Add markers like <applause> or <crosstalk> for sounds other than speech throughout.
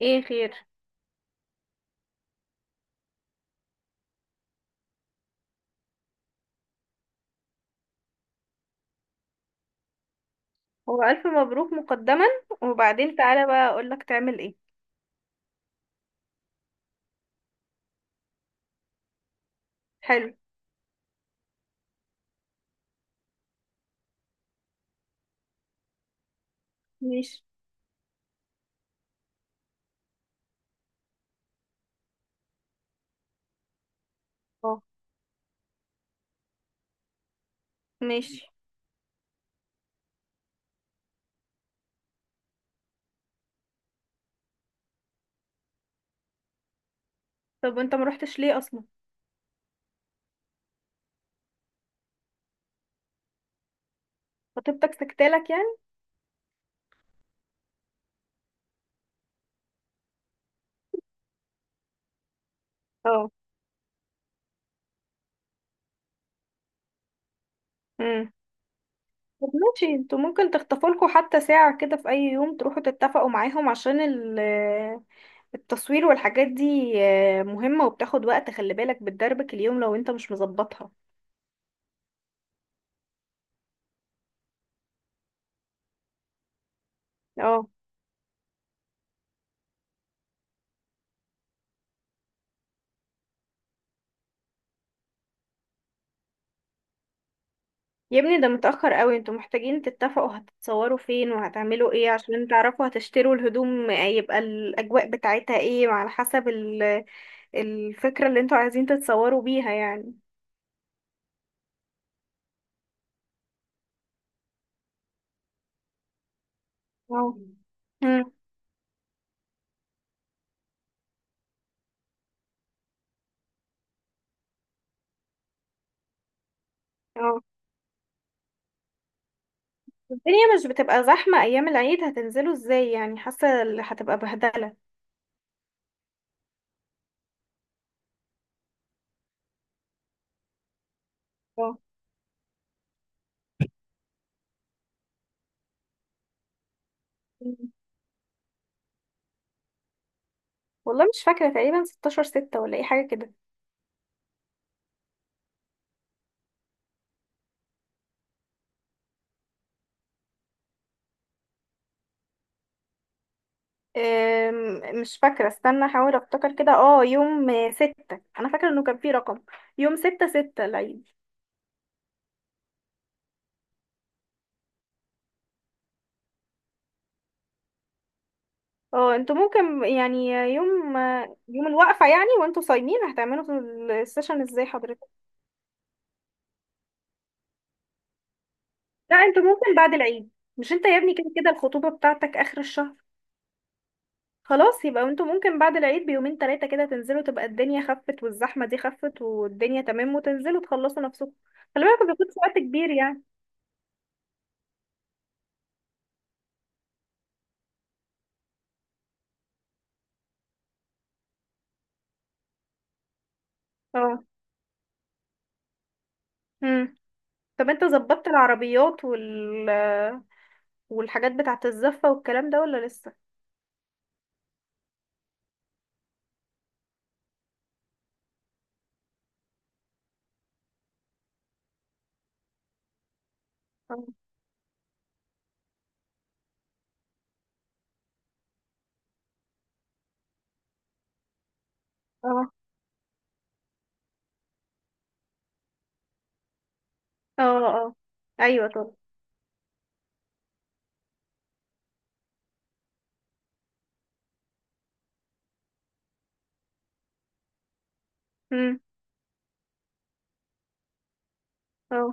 ايه خير. هو الف مبروك مقدما. وبعدين تعالى بقى اقولك تعمل ايه. حلو. ماشي. اه. ماشي. طب وانت ما روحتش ليه اصلا؟ خطيبتك سكتالك يعني؟ اه. امم طب ماشي، انتوا ممكن تخطفوا لكم حتى ساعة كده في اي يوم، تروحوا تتفقوا معاهم عشان التصوير والحاجات دي مهمة وبتاخد وقت. خلي بالك بتدربك اليوم لو انت مش مظبطها. اه. يا ابني ده متأخر قوي، انتوا محتاجين تتفقوا هتتصوروا فين وهتعملوا ايه عشان تعرفوا هتشتروا الهدوم، يبقى الأجواء بتاعتها ايه وعلى حسب الفكرة اللي انتوا عايزين تتصوروا بيها يعني. اه. مم. اه. الدنيا مش بتبقى زحمة أيام العيد، هتنزلوا ازاي يعني؟ حاسة هتبقى بهدلة. اه. مم. والله مش فاكرة، تقريبا 16 ستة ولا اي حاجة كده. مش فاكرة، استنى احاول افتكر كده. اه، يوم ستة انا فاكرة انه كان في رقم. يوم ستة ستة العيد. اه، انتوا ممكن يعني يوم الوقفة يعني وانتوا صايمين، هتعملوا في السيشن ازاي حضرتك؟ لا انتوا ممكن بعد العيد. مش انت يا ابني كده كده الخطوبة بتاعتك اخر الشهر. خلاص، يبقى انتوا ممكن بعد العيد بيومين تلاتة كده تنزلوا، تبقى الدنيا خفت والزحمة دي خفت والدنيا تمام، وتنزلوا تخلصوا نفسكم. خلي بالك ما بياخدش وقت كبير يعني. اه. امم طب انت ظبطت العربيات والحاجات بتاعة الزفة والكلام ده ولا لسه؟ اه. اه. اه. اه. ايوه طب. امم اه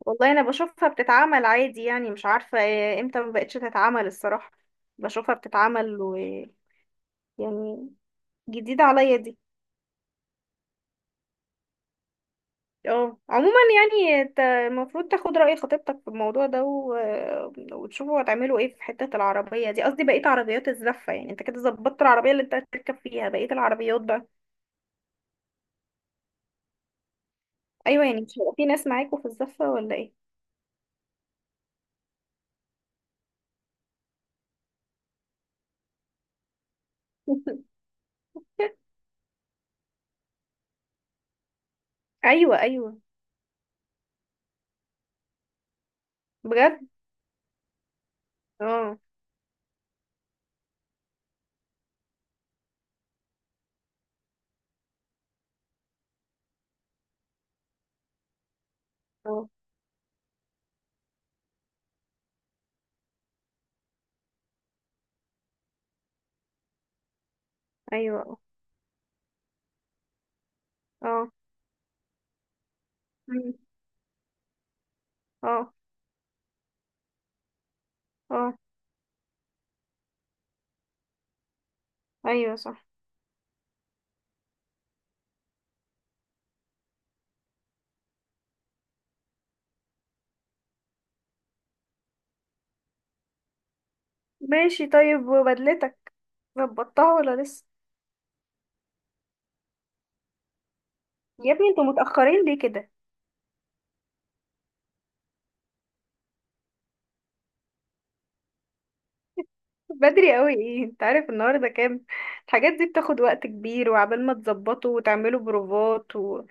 والله انا بشوفها بتتعمل عادي يعني، مش عارفة امتى ما بقتش تتعمل الصراحة. بشوفها بتتعمل يعني، جديدة عليا دي. اه، عموما يعني انت المفروض تاخد رأي خطيبتك في الموضوع ده وتشوفوا هتعملوا ايه في حتة العربية دي. قصدي بقية عربيات الزفة يعني. انت كده ظبطت العربية اللي انت هتركب فيها، بقية العربيات بقى؟ ايوه يعني مش هيبقى في ناس معاكوا في الزفة ولا ايه؟ <laughs> ايوه، ايوه. بجد. اه. اه. ايوه. اه. اه. مم. اه. آه. ايوه صح. ماشي، طيب وبدلتك ظبطتها ولا لسه؟ يا ابني انتوا متأخرين ليه كده؟ <laughs> بدري قوي ايه، انت عارف النهارده كام؟ الحاجات دي بتاخد وقت كبير، وعبال ما تظبطوا وتعملوا بروفات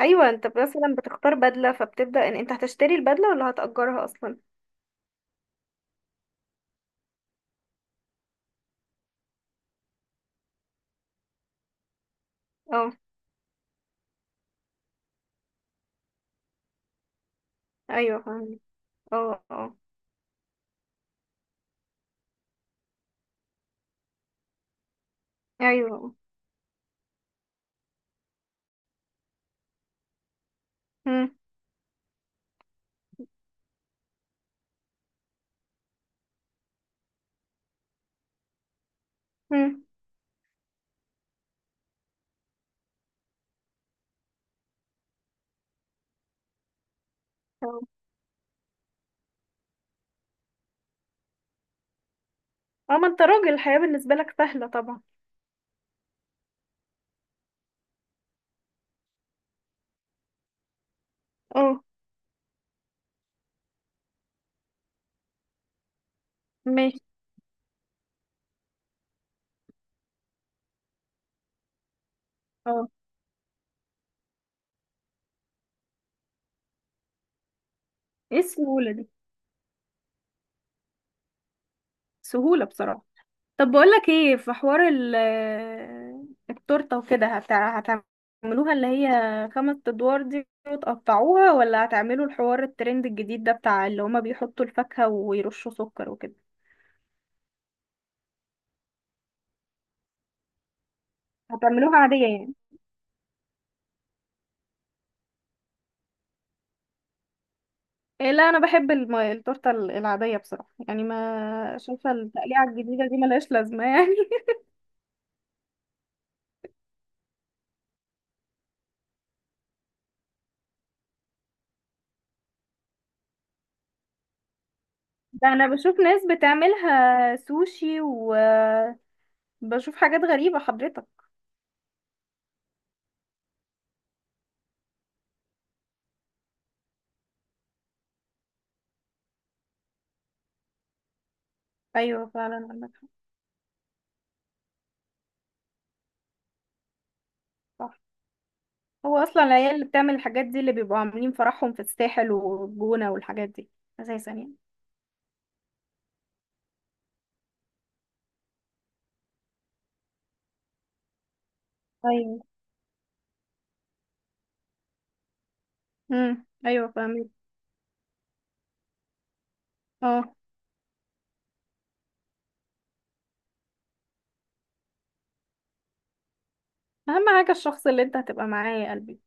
ايوه، انت مثلا بتختار بدله، فبتبدأ ان انت هتشتري البدله ولا هتأجرها اصلا. اه. ايوه فاهمة. اه. اه. ايوه. هم، هم. اه. اه. ما انت راجل الحياه بالنسبه لك سهله طبعا. اه. ماشي. اه، ايه السهوله دي. سهوله بصراحه. طب بقولك ايه، في حوار التورته وكده هتعملوها اللي هي خمس ادوار دي وتقطعوها، ولا هتعملوا الحوار الترند الجديد ده بتاع اللي هما بيحطوا الفاكهه ويرشوا سكر وكده؟ هتعملوها عاديه يعني؟ إيه لا، انا بحب التورته العاديه بصراحه، يعني ما شايفه التقليعه الجديده دي ملهاش لازمه يعني. <laughs> ده انا بشوف ناس بتعملها سوشي، وبشوف حاجات غريبه حضرتك. ايوه فعلا عندك حق. هو اصلا العيال اللي بتعمل الحاجات دي اللي بيبقوا عاملين فرحهم في الساحل والجونة والحاجات دي اساسا يعني. ايوه. ايوه فاهمين. اه، اهم حاجة الشخص اللي انت هتبقى معاه يا قلبي.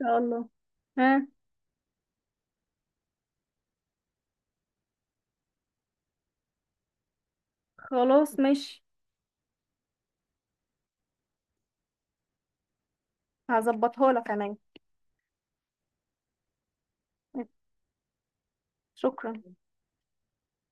ان شاء الله. ها. خلاص ماشي. هظبطها لك كمان. شكرا.